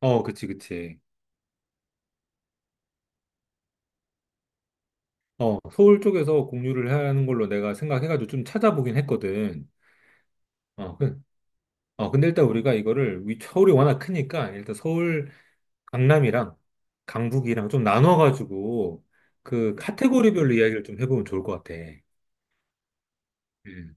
어, 그치, 그치. 서울 쪽에서 공유를 하는 걸로 내가 생각해가지고 좀 찾아보긴 했거든. 어, 그, 근데 일단 우리가 이거를, 서울이 워낙 크니까, 일단 서울, 강남이랑 강북이랑 좀 나눠가지고, 카테고리별로 이야기를 좀 해보면 좋을 것 같아. 음.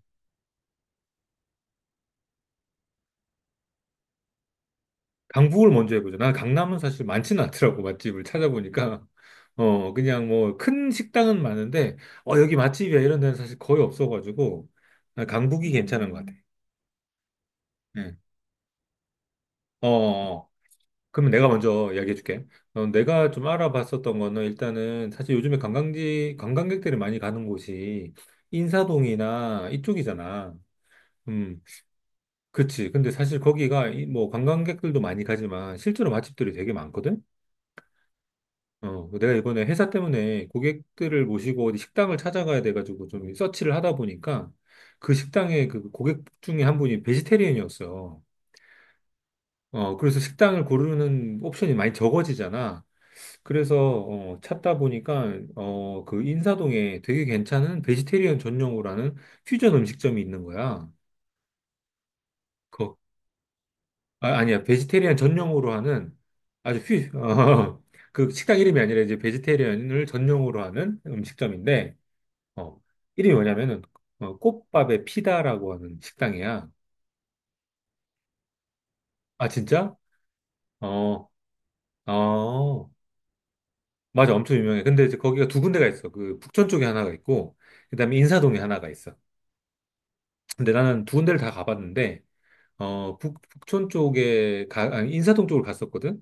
강북을 먼저 해보자. 난 강남은 사실 많지는 않더라고, 맛집을 찾아보니까. 그냥 뭐, 큰 식당은 많은데, 여기 맛집이야, 이런 데는 사실 거의 없어가지고, 난 강북이 괜찮은 것 같아. 음. 어, 어. 어. 그러면 내가 먼저 이야기해 줄게. 내가 좀 알아봤었던 거는 일단은 사실 요즘에 관광지, 관광객들이 많이 가는 곳이 인사동이나 이쪽이잖아. 음, 그치. 근데 사실 거기가 뭐 관광객들도 많이 가지만 실제로 맛집들이 되게 많거든? 내가 이번에 회사 때문에 고객들을 모시고 어디 식당을 찾아가야 돼가지고 좀 서치를 하다 보니까 그 식당의 그 고객 중에 한 분이 베지테리언이었어. 그래서 식당을 고르는 옵션이 많이 적어지잖아. 그래서 찾다 보니까 그 인사동에 되게 괜찮은 베지테리언 전용으로 하는 퓨전 음식점이 있는 거야. 그, 아, 니야 베지테리언 전용으로 하는 아주 퓨, 어, 그 식당 이름이 아니라 이제 베지테리언을 전용으로 하는 음식점인데 어, 이름이 뭐냐면은 꽃밥의 피다라고 하는 식당이야. 아 진짜? 어, 어, 맞아, 엄청 유명해. 근데 이제 거기가 두 군데가 있어. 그 북촌 쪽에 하나가 있고 그다음에 인사동에 하나가 있어. 근데 나는 두 군데를 다 가봤는데, 북촌 쪽에, 아니, 인사동 쪽으로 갔었거든?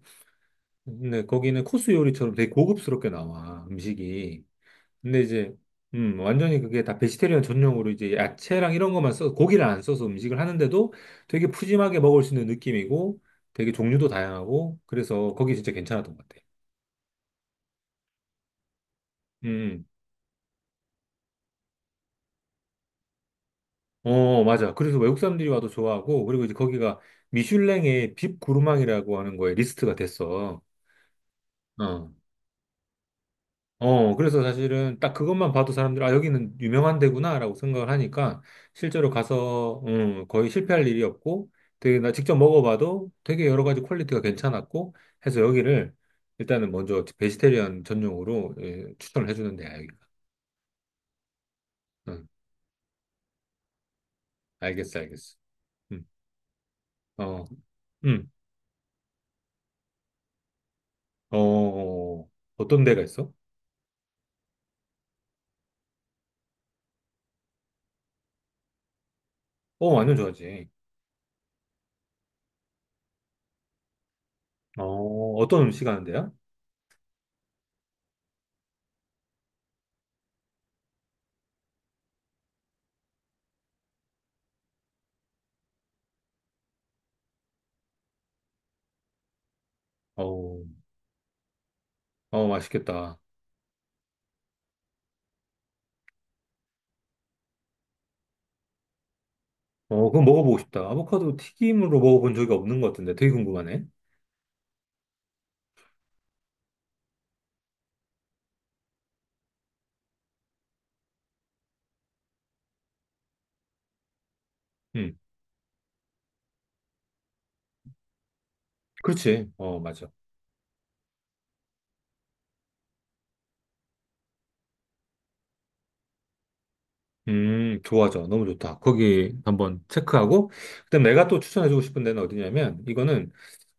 근데 거기는 코스 요리처럼 되게 고급스럽게 나와, 음식이. 근데 이제, 완전히 그게 다 베지테리언 전용으로 이제 야채랑 이런 것만 써서, 고기를 안 써서 음식을 하는데도 되게 푸짐하게 먹을 수 있는 느낌이고, 되게 종류도 다양하고, 그래서 거기 진짜 괜찮았던 것 같아. 음, 어, 맞아. 그래서 외국 사람들이 와도 좋아하고, 그리고 이제 거기가 미슐랭의 빕 구르망이라고 하는 거에 리스트가 됐어. 어. 그래서 사실은 딱 그것만 봐도 사람들, 아, 여기는 유명한 데구나라고 생각을 하니까 실제로 가서, 거의 실패할 일이 없고 되게 나 직접 먹어봐도 되게 여러 가지 퀄리티가 괜찮았고 해서 여기를 일단은 먼저 베지테리언 전용으로 예, 추천을 해주는 데야, 여기가. 응, 알겠어, 알겠어. 응, 음, 어, 어떤 데가 있어? 완전 좋아하지. 어, 어떤 음식 하는 데야? 어, 맛있겠다. 그거 먹어보고 싶다. 아보카도 튀김으로 먹어본 적이 없는 것 같은데 되게 궁금하네. 음, 그렇지. 어, 맞아. 좋아, 져 너무 좋다. 거기 한번 체크하고. 그다음 내가 또 추천해주고 싶은 데는 어디냐면 이거는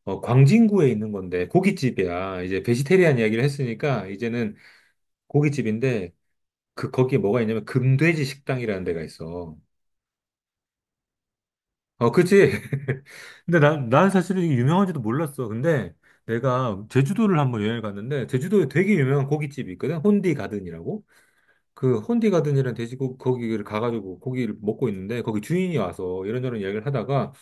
광진구에 있는 건데 고깃집이야. 이제 베지테리안 이야기를 했으니까 이제는 고깃집인데 그 거기에 뭐가 있냐면 금돼지 식당이라는 데가 있어. 어, 그치. 근데 난 사실은 이게 유명한지도 몰랐어. 근데 내가 제주도를 한번 여행을 갔는데, 제주도에 되게 유명한 고깃집이 있거든. 혼디 가든이라고. 그 혼디 가든이라는 돼지고기, 거기를 가가지고 고기를 먹고 있는데, 거기 주인이 와서 이런저런 얘기를 하다가,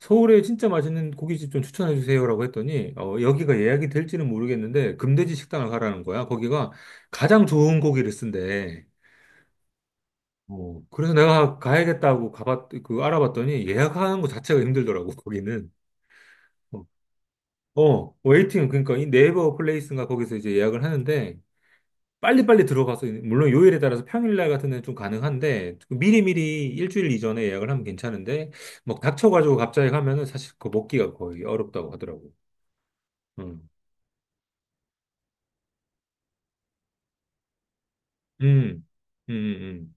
서울에 진짜 맛있는 고깃집 좀 추천해주세요라고 했더니, 여기가 예약이 될지는 모르겠는데, 금돼지 식당을 가라는 거야. 거기가 가장 좋은 고기를 쓴대. 그래서 내가 가야겠다고 가봤, 그 알아봤더니 예약하는 거 자체가 힘들더라고, 거기는. 어, 웨이팅, 그러니까 이 네이버 플레이스인가 거기서 이제 예약을 하는데, 빨리빨리 들어가서, 물론 요일에 따라서 평일날 같은 데는 좀 가능한데, 미리미리 일주일 이전에 예약을 하면 괜찮은데, 뭐 닥쳐가지고 갑자기 가면은 사실 그거 먹기가 거의 어렵다고 하더라고. 음, 음, 음.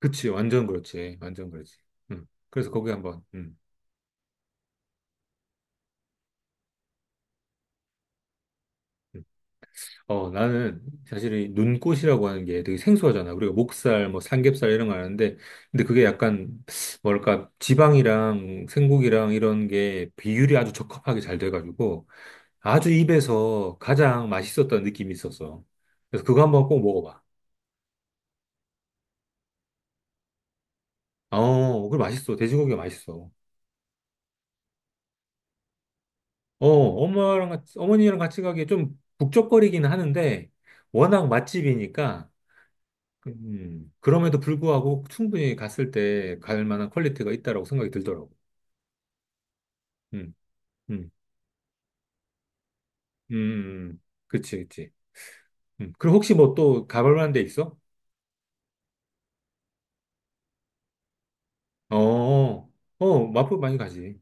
그치, 완전 그렇지, 완전 그렇지. 그래서 거기 한번, 음. 나는 사실 이 눈꽃이라고 하는 게 되게 생소하잖아. 우리가 목살, 뭐 삼겹살 이런 거 아는데, 근데 그게 약간, 뭐랄까, 지방이랑 생고기랑 이런 게 비율이 아주 적합하게 잘 돼가지고, 아주 입에서 가장 맛있었던 느낌이 있었어. 그래서 그거 한번 꼭 먹어봐. 그래 맛있어. 돼지고기가 맛있어. 엄마랑 같이, 어머니랑 같이 가기에 좀 북적거리긴 하는데, 워낙 맛집이니까, 그럼에도 불구하고 충분히 갔을 때 갈 만한 퀄리티가 있다라고 생각이 들더라고. 음, 음, 음, 음. 음. 그치, 그치. 그럼 혹시 뭐 또 가볼 만한 데 있어? 어, 어, 마포 많이 가지.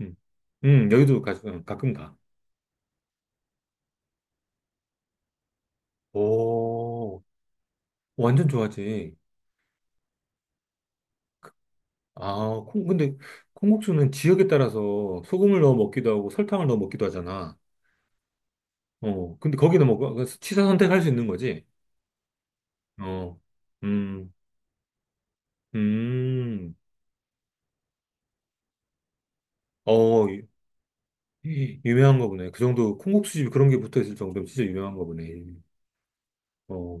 음, 여기도 응, 가끔 가. 오, 완전 좋아하지. 아, 근데 콩국수는 지역에 따라서 소금을 넣어 먹기도 하고 설탕을 넣어 먹기도 하잖아. 근데 거기는 뭐 취사 선택할 수 있는 거지. 어, 음, 음. 어, 유명한가 보네. 그 정도 콩국수집 그런 게 붙어 있을 정도면 진짜 유명한가 보네. 어,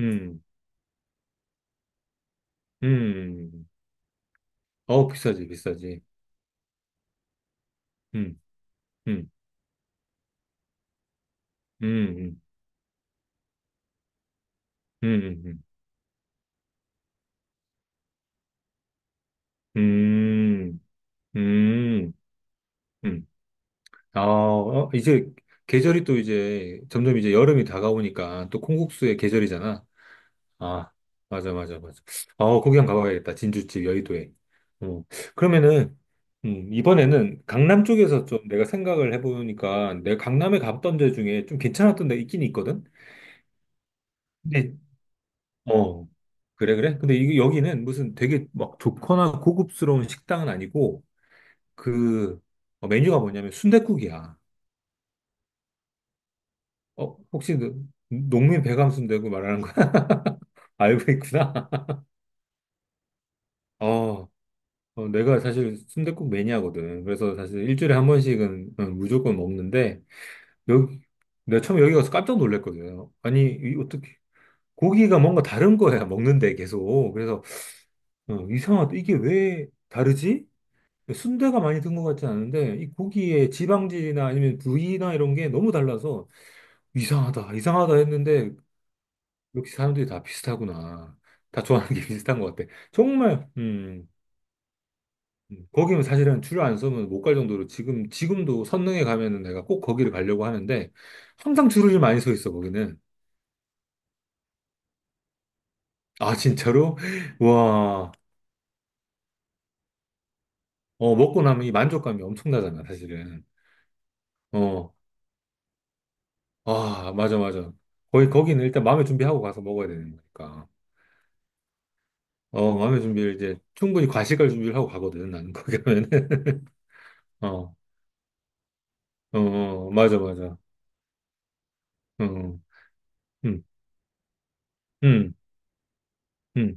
음, 음, 음. 비싸지, 비싸지. 음, 음, 음, 음, 음, 음, 음, 음, 음. 아, 이제 계절이 또 이제 점점 이제 여름이 다가오니까 또 콩국수의 계절이잖아. 아, 맞아, 맞아, 맞아. 아, 거기 한번 가봐야겠다. 진주집 여의도에. 어, 그러면은, 이번에는 강남 쪽에서 좀 내가 생각을 해보니까 내가 강남에 갔던 데 중에 좀 괜찮았던 데가 있긴 있거든? 근데, 어, 그래, 그래? 근데 여기는 무슨 되게 막 좋거나 고급스러운 식당은 아니고 그 메뉴가 뭐냐면 순댓국이야 어, 혹시 그 농민 배감 순댓국 말하는 거 알고 있구나. 어, 내가 사실 순댓국 매니아거든. 그래서 사실 일주일에 한 번씩은 무조건 먹는데, 여기, 내가 처음에 여기 가서 깜짝 놀랐거든요. 아니, 이 어떻게, 고기가 뭔가 다른 거야, 먹는데 계속. 그래서, 이상하다. 이게 왜 다르지? 순대가 많이 든 것 같지 않은데, 이 고기의 지방질이나 아니면 부위나 이런 게 너무 달라서, 이상하다, 이상하다 했는데, 역시 사람들이 다 비슷하구나. 다 좋아하는 게 비슷한 것 같아. 정말, 거기는 사실은 줄을 안 서면 못 갈 정도로 지금, 지금도 선릉에 가면은 내가 꼭 거기를 가려고 하는데 항상 줄을 많이 서 있어, 거기는. 아, 진짜로? 와, 먹고 나면 이 만족감이 엄청나잖아, 사실은. 어, 아, 맞아, 맞아. 거의 거기는 일단 마음의 준비하고 가서 먹어야 되는 거니까. 마음의 준비를 이제 충분히 과식할 준비를 하고 가거든, 나는 거기 가면은. 어, 맞아, 맞아. 응, 응, 응, 응.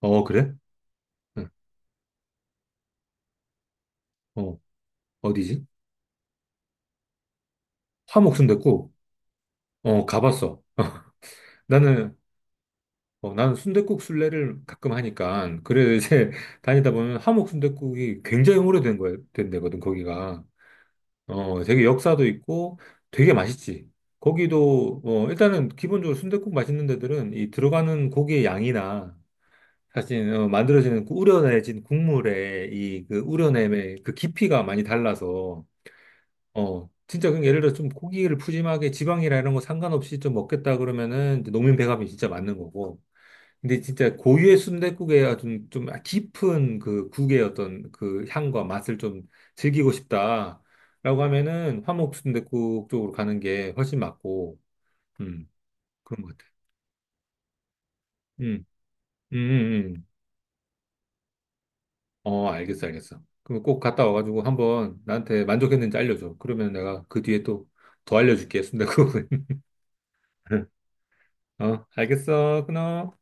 어, 그래? 응, 어, 어디지? 화목순댓국. 어, 가봤어. 나는, 나는 순댓국 순례를 가끔 하니까, 그래 이제 다니다 보면 함옥 순댓국이 굉장히 오래된 거야, 된 데거든, 거기가. 되게 역사도 있고 되게 맛있지. 거기도, 일단은 기본적으로 순댓국 맛있는 데들은 이 들어가는 고기의 양이나 사실, 만들어지는 그 우려내진 국물의 이 그 우려냄의 그 깊이가 많이 달라서 진짜 그 예를 들어 좀 고기를 푸짐하게 지방이라 이런 거 상관없이 좀 먹겠다 그러면은 이제 농민 배합이 진짜 맞는 거고. 근데 진짜 고유의 순댓국에 좀 깊은 그 국의 어떤 그 향과 맛을 좀 즐기고 싶다라고 하면은 화목 순댓국 쪽으로 가는 게 훨씬 맞고, 음, 그런 것 같아. 음, 음, 음, 음. 어, 알겠어, 알겠어. 그럼 꼭 갔다 와가지고 한번 나한테 만족했는지 알려줘. 그러면 내가 그 뒤에 또 더 알려줄게, 순댓국은. 어, 알겠어, 끊어.